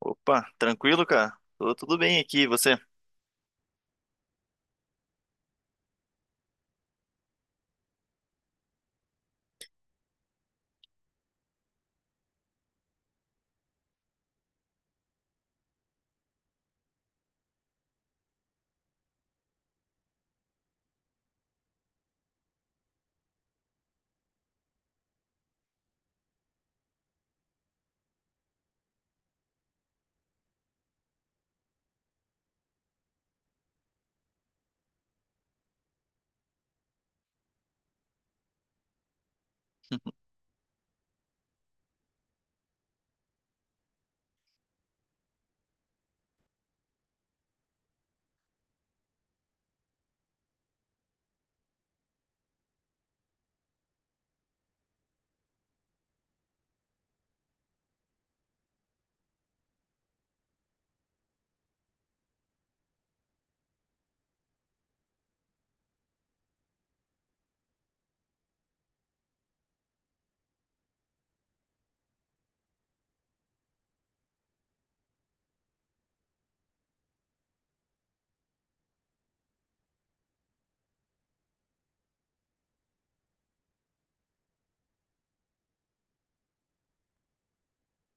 Opa, tranquilo, cara? Tô tudo bem aqui, e você?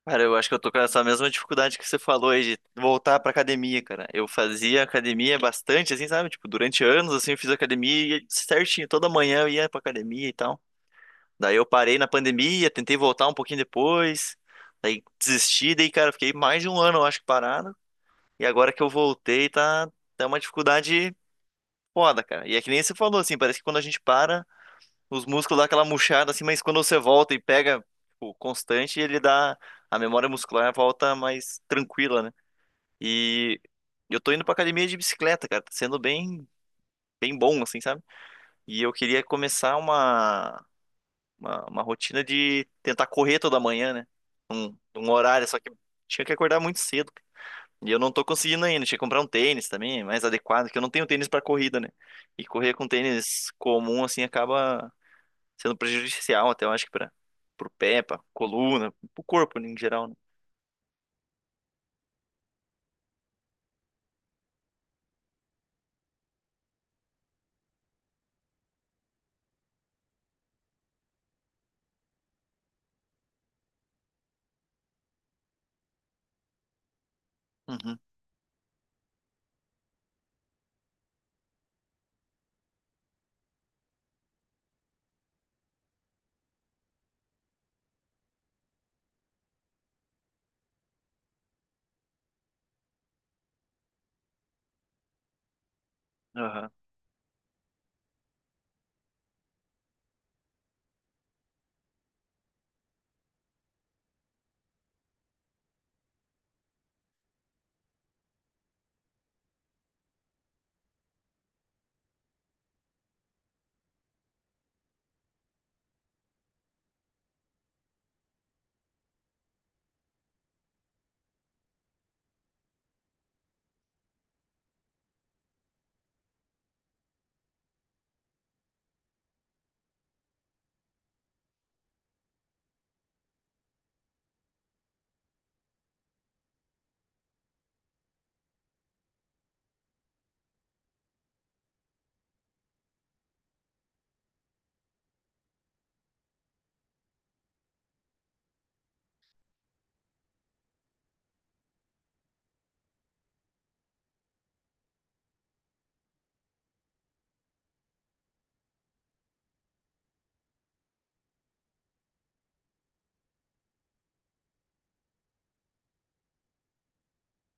Cara, eu acho que eu tô com essa mesma dificuldade que você falou aí de voltar pra academia, cara. Eu fazia academia bastante, assim, sabe? Tipo, durante anos, assim, eu fiz academia e certinho, toda manhã eu ia pra academia e tal. Daí eu parei na pandemia, tentei voltar um pouquinho depois, daí desisti, daí, cara, fiquei mais de um ano, eu acho, parado. E agora que eu voltei, tá, tá uma dificuldade foda, cara. E é que nem você falou, assim, parece que quando a gente para, os músculos dão aquela murchada assim, mas quando você volta e pega, tipo, constante, ele dá. A memória muscular volta mais tranquila, né? E eu tô indo pra academia de bicicleta, cara. Tá sendo bem, bem bom, assim, sabe? E eu queria começar uma rotina de tentar correr toda manhã, né? Num horário, só que tinha que acordar muito cedo, cara. E eu não tô conseguindo ainda. Tinha que comprar um tênis também, mais adequado, que eu não tenho tênis pra corrida, né? E correr com tênis comum, assim, acaba sendo prejudicial até, eu acho que para pro pé, pra coluna, pro corpo em geral, né? Uhum, aham,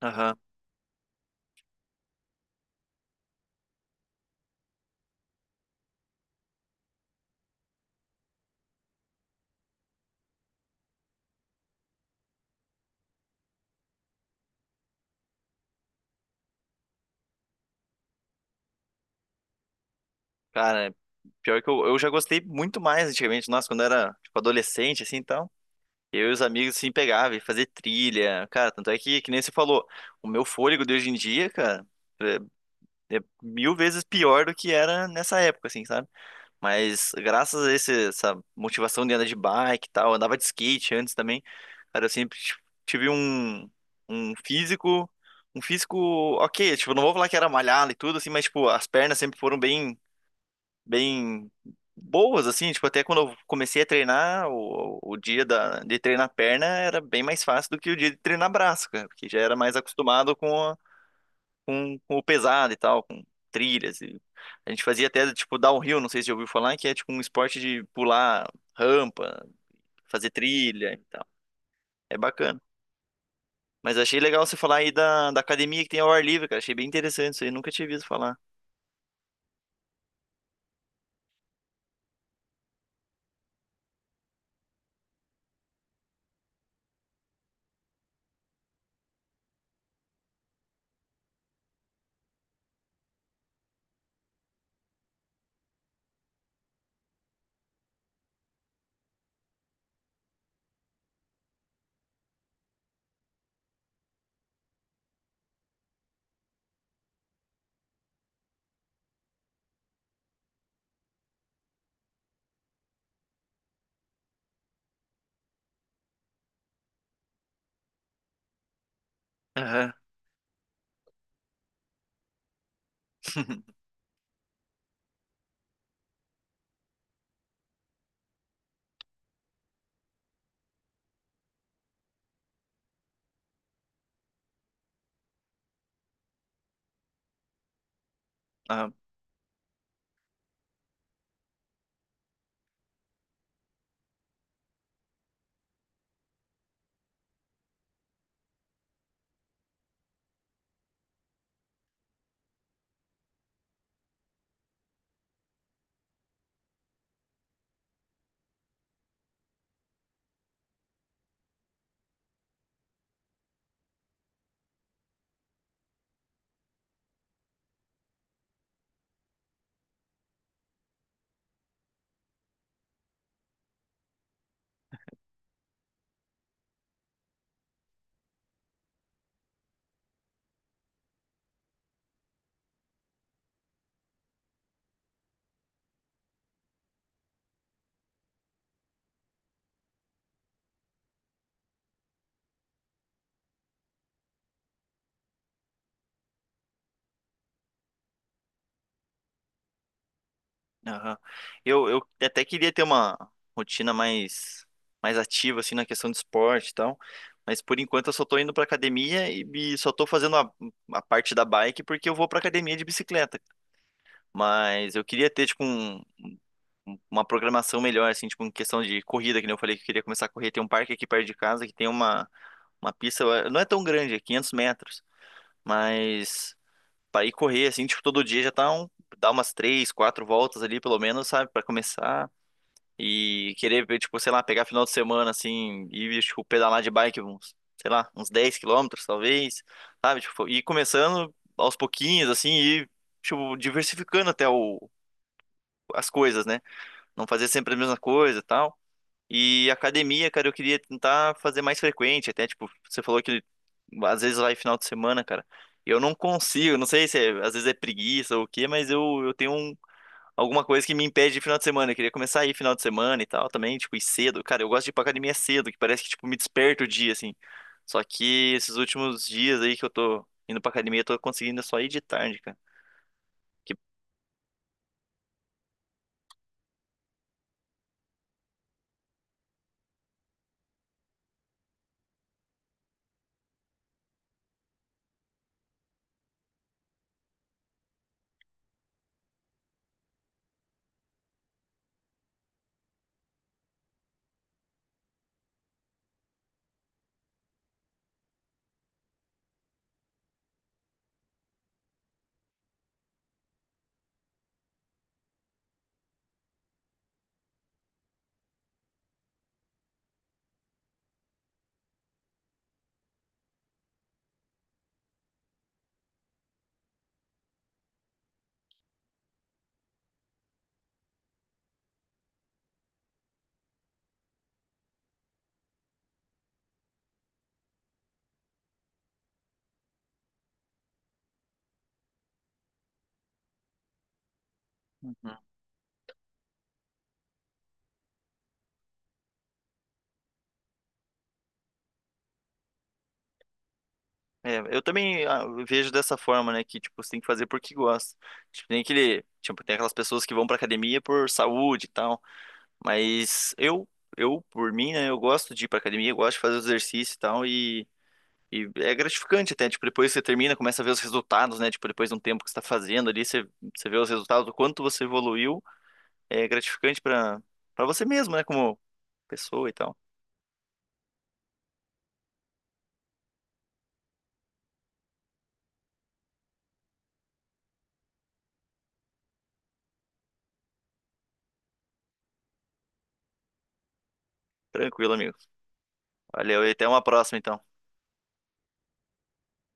aham. Cara, pior que eu já gostei muito mais antigamente, nossa, quando era, tipo, adolescente, assim, então, eu e os amigos, assim, pegava e fazia trilha, cara, tanto é que nem você falou, o meu fôlego de hoje em dia, cara, é, é mil vezes pior do que era nessa época, assim, sabe? Mas graças a essa motivação de andar de bike e tal, eu andava de skate antes também. Cara, eu sempre tive um, um físico, um físico ok, tipo, não vou falar que era malhado e tudo assim, mas tipo, as pernas sempre foram bem, bem boas assim, tipo, até quando eu comecei a treinar, o dia de treinar perna era bem mais fácil do que o dia de treinar braço, cara, porque já era mais acostumado com o pesado e tal, com trilhas. E a gente fazia até tipo downhill, não sei se já ouviu falar, que é tipo um esporte de pular rampa, fazer trilha e tal. É bacana. Mas achei legal você falar aí da, da academia que tem ao ar livre, cara. Achei bem interessante isso aí, nunca tinha visto falar. Aham. Aham. Aham. Eu até queria ter uma rotina mais, mais ativa, assim, na questão de esporte e tal. Mas por enquanto eu só tô indo pra academia e só tô fazendo a parte da bike porque eu vou pra academia de bicicleta. Mas eu queria ter, tipo, uma programação melhor, assim, tipo, em questão de corrida, que nem eu falei que eu queria começar a correr. Tem um parque aqui perto de casa que tem uma pista, eh, não é tão grande, é 500 metros, mas para ir correr, assim, tipo, todo dia já tá um, dá umas três, quatro voltas ali, pelo menos, sabe, para começar. E querer, ver, tipo, sei lá, pegar final de semana, assim, e, tipo, pedalar de bike uns, sei lá, uns 10 quilômetros, talvez, sabe, tipo, ir começando aos pouquinhos, assim, e, tipo, diversificando até o, as coisas, né? Não fazer sempre a mesma coisa e tal. E academia, cara, eu queria tentar fazer mais frequente, até tipo, você falou que às vezes vai final de semana, cara. Eu não consigo, não sei se às vezes é preguiça ou o quê, mas eu tenho alguma coisa que me impede de final de semana. Eu queria começar a ir final de semana e tal também, tipo, ir cedo. Cara, eu gosto de ir pra academia cedo, que parece que tipo me desperta o dia assim. Só que esses últimos dias aí que eu tô indo pra academia, eu tô conseguindo só ir de tarde, cara. Que É, eu também ah, vejo dessa forma, né? Que, tipo, você tem que fazer porque gosta. Tipo, tem aquele, tipo, tem aquelas pessoas que vão pra academia por saúde e tal. Mas eu, por mim, né? Eu gosto de ir pra academia, eu gosto de fazer exercício e tal. E é gratificante até. Tipo, depois você termina, começa a ver os resultados, né? Tipo, depois de um tempo que você tá fazendo ali, você, você vê os resultados, o quanto você evoluiu. É gratificante pra, pra você mesmo, né? Como pessoa e tal. Tranquilo, amigo. Valeu. E até uma próxima, então.